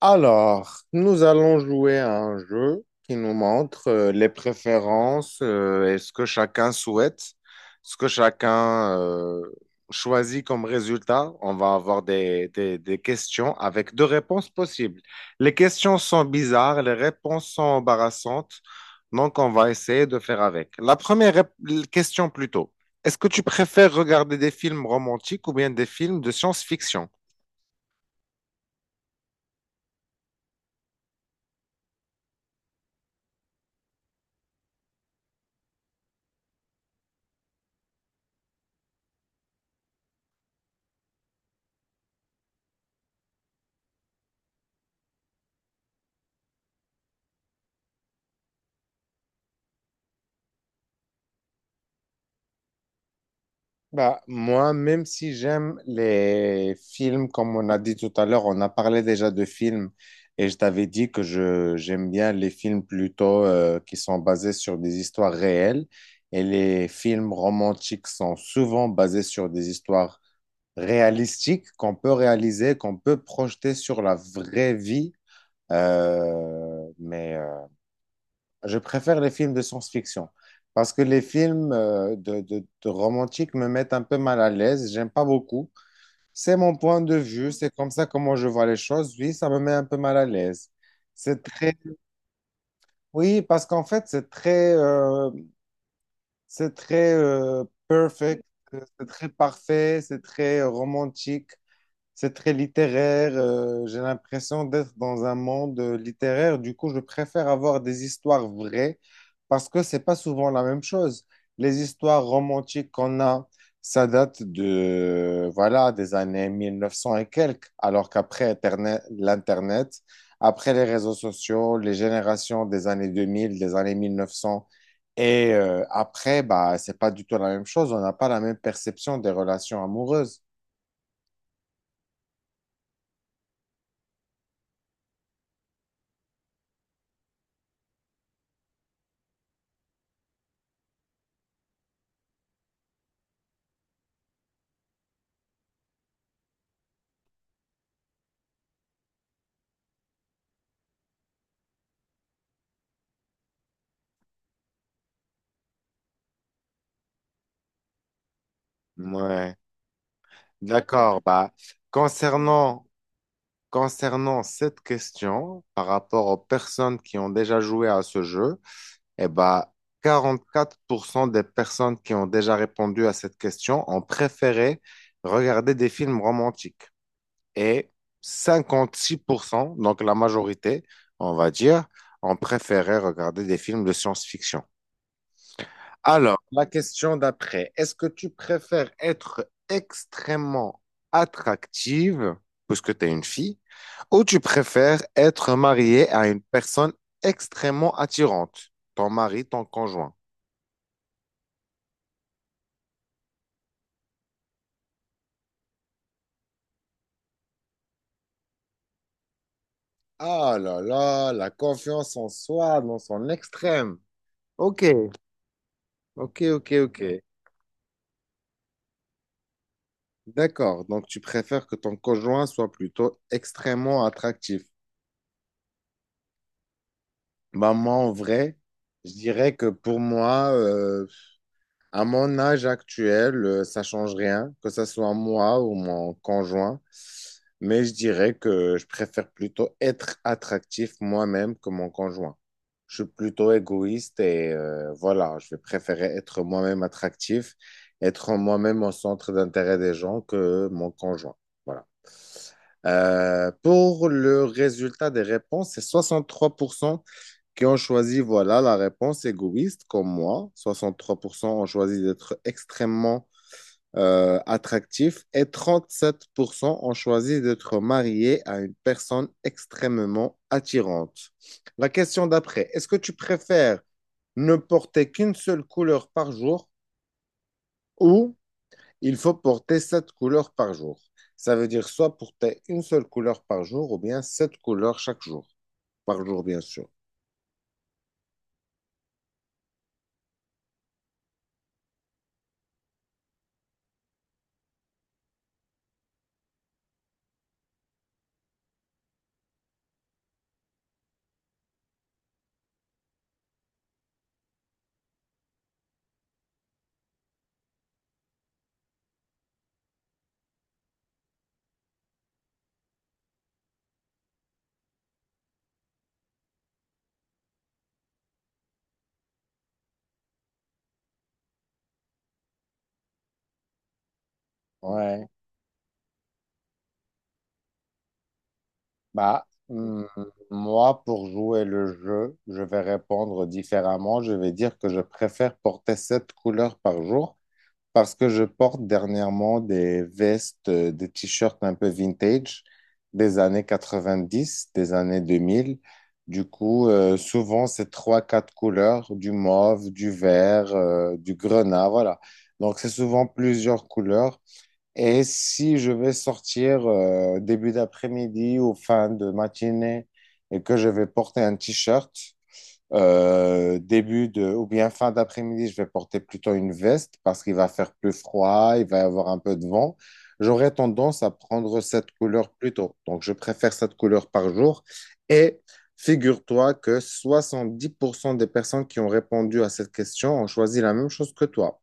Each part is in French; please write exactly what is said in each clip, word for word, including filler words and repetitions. Alors, nous allons jouer à un jeu qui nous montre euh, les préférences euh, et ce que chacun souhaite, ce que chacun euh, choisit comme résultat. On va avoir des, des- des questions avec deux réponses possibles. Les questions sont bizarres, les réponses sont embarrassantes, donc on va essayer de faire avec. La première rép- question plutôt, est-ce que tu préfères regarder des films romantiques ou bien des films de science-fiction? Bah, moi, même si j'aime les films, comme on a dit tout à l'heure, on a parlé déjà de films et je t'avais dit que je, j'aime bien les films plutôt euh, qui sont basés sur des histoires réelles et les films romantiques sont souvent basés sur des histoires réalistiques qu'on peut réaliser, qu'on peut projeter sur la vraie vie. Euh, mais euh, je préfère les films de science-fiction parce que les films euh, de, de, de romantique me mettent un peu mal à l'aise. J'aime pas beaucoup. C'est mon point de vue. C'est comme ça comment je vois les choses. Oui, ça me met un peu mal à l'aise. C'est très. Oui, parce qu'en fait, c'est très. euh, c'est très euh, perfect. C'est très parfait. C'est très romantique. C'est très littéraire. Euh, j'ai l'impression d'être dans un monde euh, littéraire. Du coup, je préfère avoir des histoires vraies parce que c'est pas souvent la même chose. Les histoires romantiques qu'on a, ça date de, voilà, des années mille neuf cents et quelques, alors qu'après Internet- l'Internet, après les réseaux sociaux, les générations des années deux mille des années mille neuf cents et euh, après, bah, c'est pas du tout la même chose. On n'a pas la même perception des relations amoureuses. Ouais. D'accord. Bah, concernant, concernant cette question par rapport aux personnes qui ont déjà joué à ce jeu, eh bah, quarante-quatre pour cent des personnes qui ont déjà répondu à cette question ont préféré regarder des films romantiques. Et cinquante-six pour cent, donc la majorité, on va dire, ont préféré regarder des films de science-fiction. Alors, la question d'après, est-ce que tu préfères être extrêmement attractive, puisque tu es une fille, ou tu préfères être mariée à une personne extrêmement attirante, ton mari, ton conjoint? Ah là là, la confiance en soi dans son extrême. Ok, ok, ok, ok. D'accord, donc tu préfères que ton conjoint soit plutôt extrêmement attractif. Bah moi, en vrai, je dirais que pour moi, euh, à mon âge actuel, euh, ça change rien, que ce soit moi ou mon conjoint. Mais je dirais que je préfère plutôt être attractif moi-même que mon conjoint. Je suis plutôt égoïste et euh, voilà, je vais préférer être moi-même attractif, être moi-même au centre d'intérêt des gens que mon conjoint. Voilà. Euh, pour le résultat des réponses, c'est soixante-trois pour cent qui ont choisi, voilà, la réponse égoïste, comme moi. soixante-trois pour cent ont choisi d'être extrêmement euh, attractifs et trente-sept pour cent ont choisi d'être mariés à une personne extrêmement attirante. La question d'après, est-ce que tu préfères ne porter qu'une seule couleur par jour ou il faut porter sept couleurs par jour? Ça veut dire soit porter une seule couleur par jour ou bien sept couleurs chaque jour, par jour, bien sûr. Ouais. Bah, hmm, moi, pour jouer le jeu, je vais répondre différemment. Je vais dire que je préfère porter sept couleurs par jour parce que je porte dernièrement des vestes, euh, des t-shirts un peu vintage des années quatre-vingt-dix des années deux mille. Du coup, euh, souvent, c'est trois, quatre couleurs, du mauve, du vert, euh, du grenat, voilà. Donc, c'est souvent plusieurs couleurs. Et si je vais sortir euh, début d'après-midi ou fin de matinée et que je vais porter un t-shirt, euh, début de, ou bien fin d'après-midi, je vais porter plutôt une veste parce qu'il va faire plus froid, il va y avoir un peu de vent. J'aurais tendance à prendre cette couleur plus tôt. Donc, je préfère cette couleur par jour. Et figure-toi que soixante-dix pour cent des personnes qui ont répondu à cette question ont choisi la même chose que toi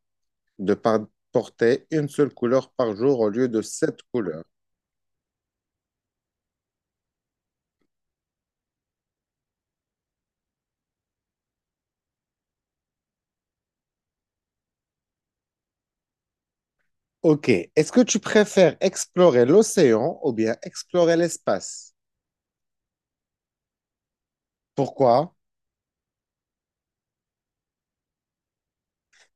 de par- porter une seule couleur par jour au lieu de sept couleurs. Ok, est-ce que tu préfères explorer l'océan ou bien explorer l'espace? Pourquoi?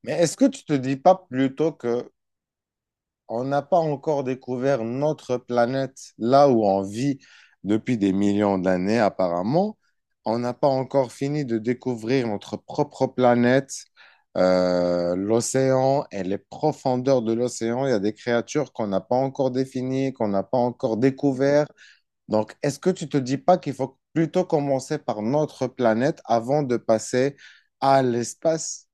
Mais est-ce que tu te dis pas plutôt que on n'a pas encore découvert notre planète, là où on vit depuis des millions d'années apparemment. On n'a pas encore fini de découvrir notre propre planète, euh, l'océan et les profondeurs de l'océan. Il y a des créatures qu'on n'a pas encore définies, qu'on n'a pas encore découvertes. Donc, est-ce que tu te dis pas qu'il faut plutôt commencer par notre planète avant de passer à l'espace?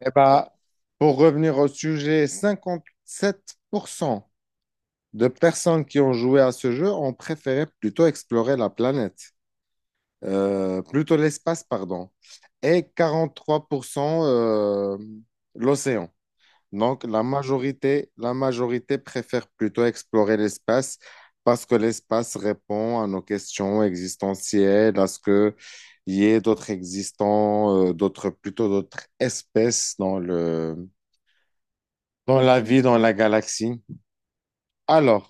Eh ben, pour revenir au sujet, cinquante-sept pour cent de personnes qui ont joué à ce jeu ont préféré plutôt explorer la planète, euh, plutôt l'espace, pardon, et quarante-trois pour cent euh, l'océan. Donc la majorité, la majorité préfère plutôt explorer l'espace parce que l'espace répond à nos questions existentielles, à ce que il y ait d'autres existants, euh, d'autres, plutôt d'autres espèces dans le, dans la vie, dans la galaxie. Alors,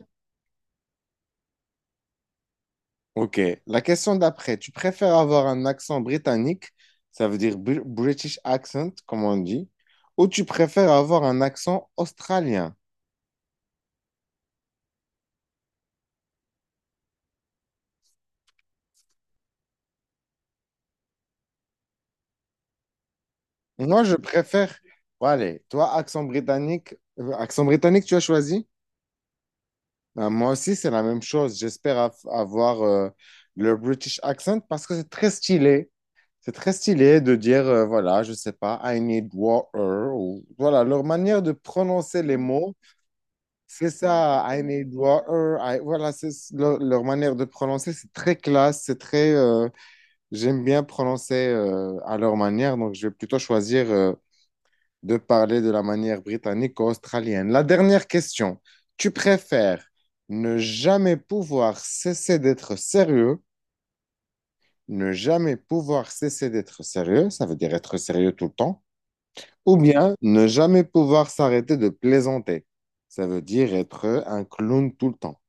ok. La question d'après, tu préfères avoir un accent britannique, ça veut dire Br- British accent, comme on dit, ou tu préfères avoir un accent australien? Moi, je préfère. Bon, allez, toi, accent britannique, euh, accent britannique, tu as choisi? Ben, moi aussi, c'est la même chose. J'espère av- avoir euh, le British accent parce que c'est très stylé. C'est très stylé de dire, euh, voilà, je sais pas, I need water, ou voilà, leur manière de prononcer les mots. C'est ça, I need water. I- Voilà, c'est leur, leur manière de prononcer, c'est très classe, c'est très. Euh, j'aime bien prononcer euh, à leur manière, donc je vais plutôt choisir euh, de parler de la manière britannique ou australienne. La dernière question, tu préfères ne jamais pouvoir cesser d'être sérieux, ne jamais pouvoir cesser d'être sérieux, ça veut dire être sérieux tout le temps, ou bien ne jamais pouvoir s'arrêter de plaisanter, ça veut dire être un clown tout le temps.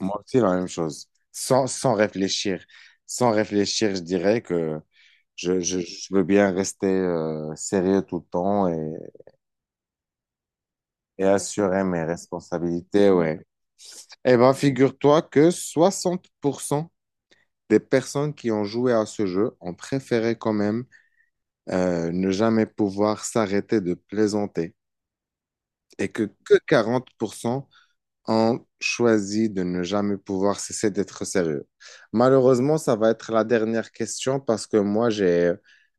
Moi aussi, la même chose. Sans, sans réfléchir. Sans réfléchir, je dirais que je, je, je veux bien rester euh, sérieux tout le temps et, et assurer mes responsabilités, ouais. Eh ben, figure-toi que soixante pour cent des personnes qui ont joué à ce jeu ont préféré quand même euh, ne jamais pouvoir s'arrêter de plaisanter et que, que quarante pour cent ont choisi de ne jamais pouvoir cesser d'être sérieux. Malheureusement, ça va être la dernière question parce que moi, j'ai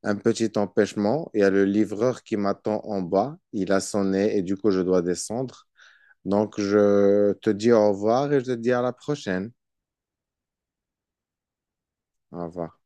un petit empêchement. Il y a le livreur qui m'attend en bas. Il a sonné et du coup, je dois descendre. Donc, je te dis au revoir et je te dis à la prochaine. Au revoir.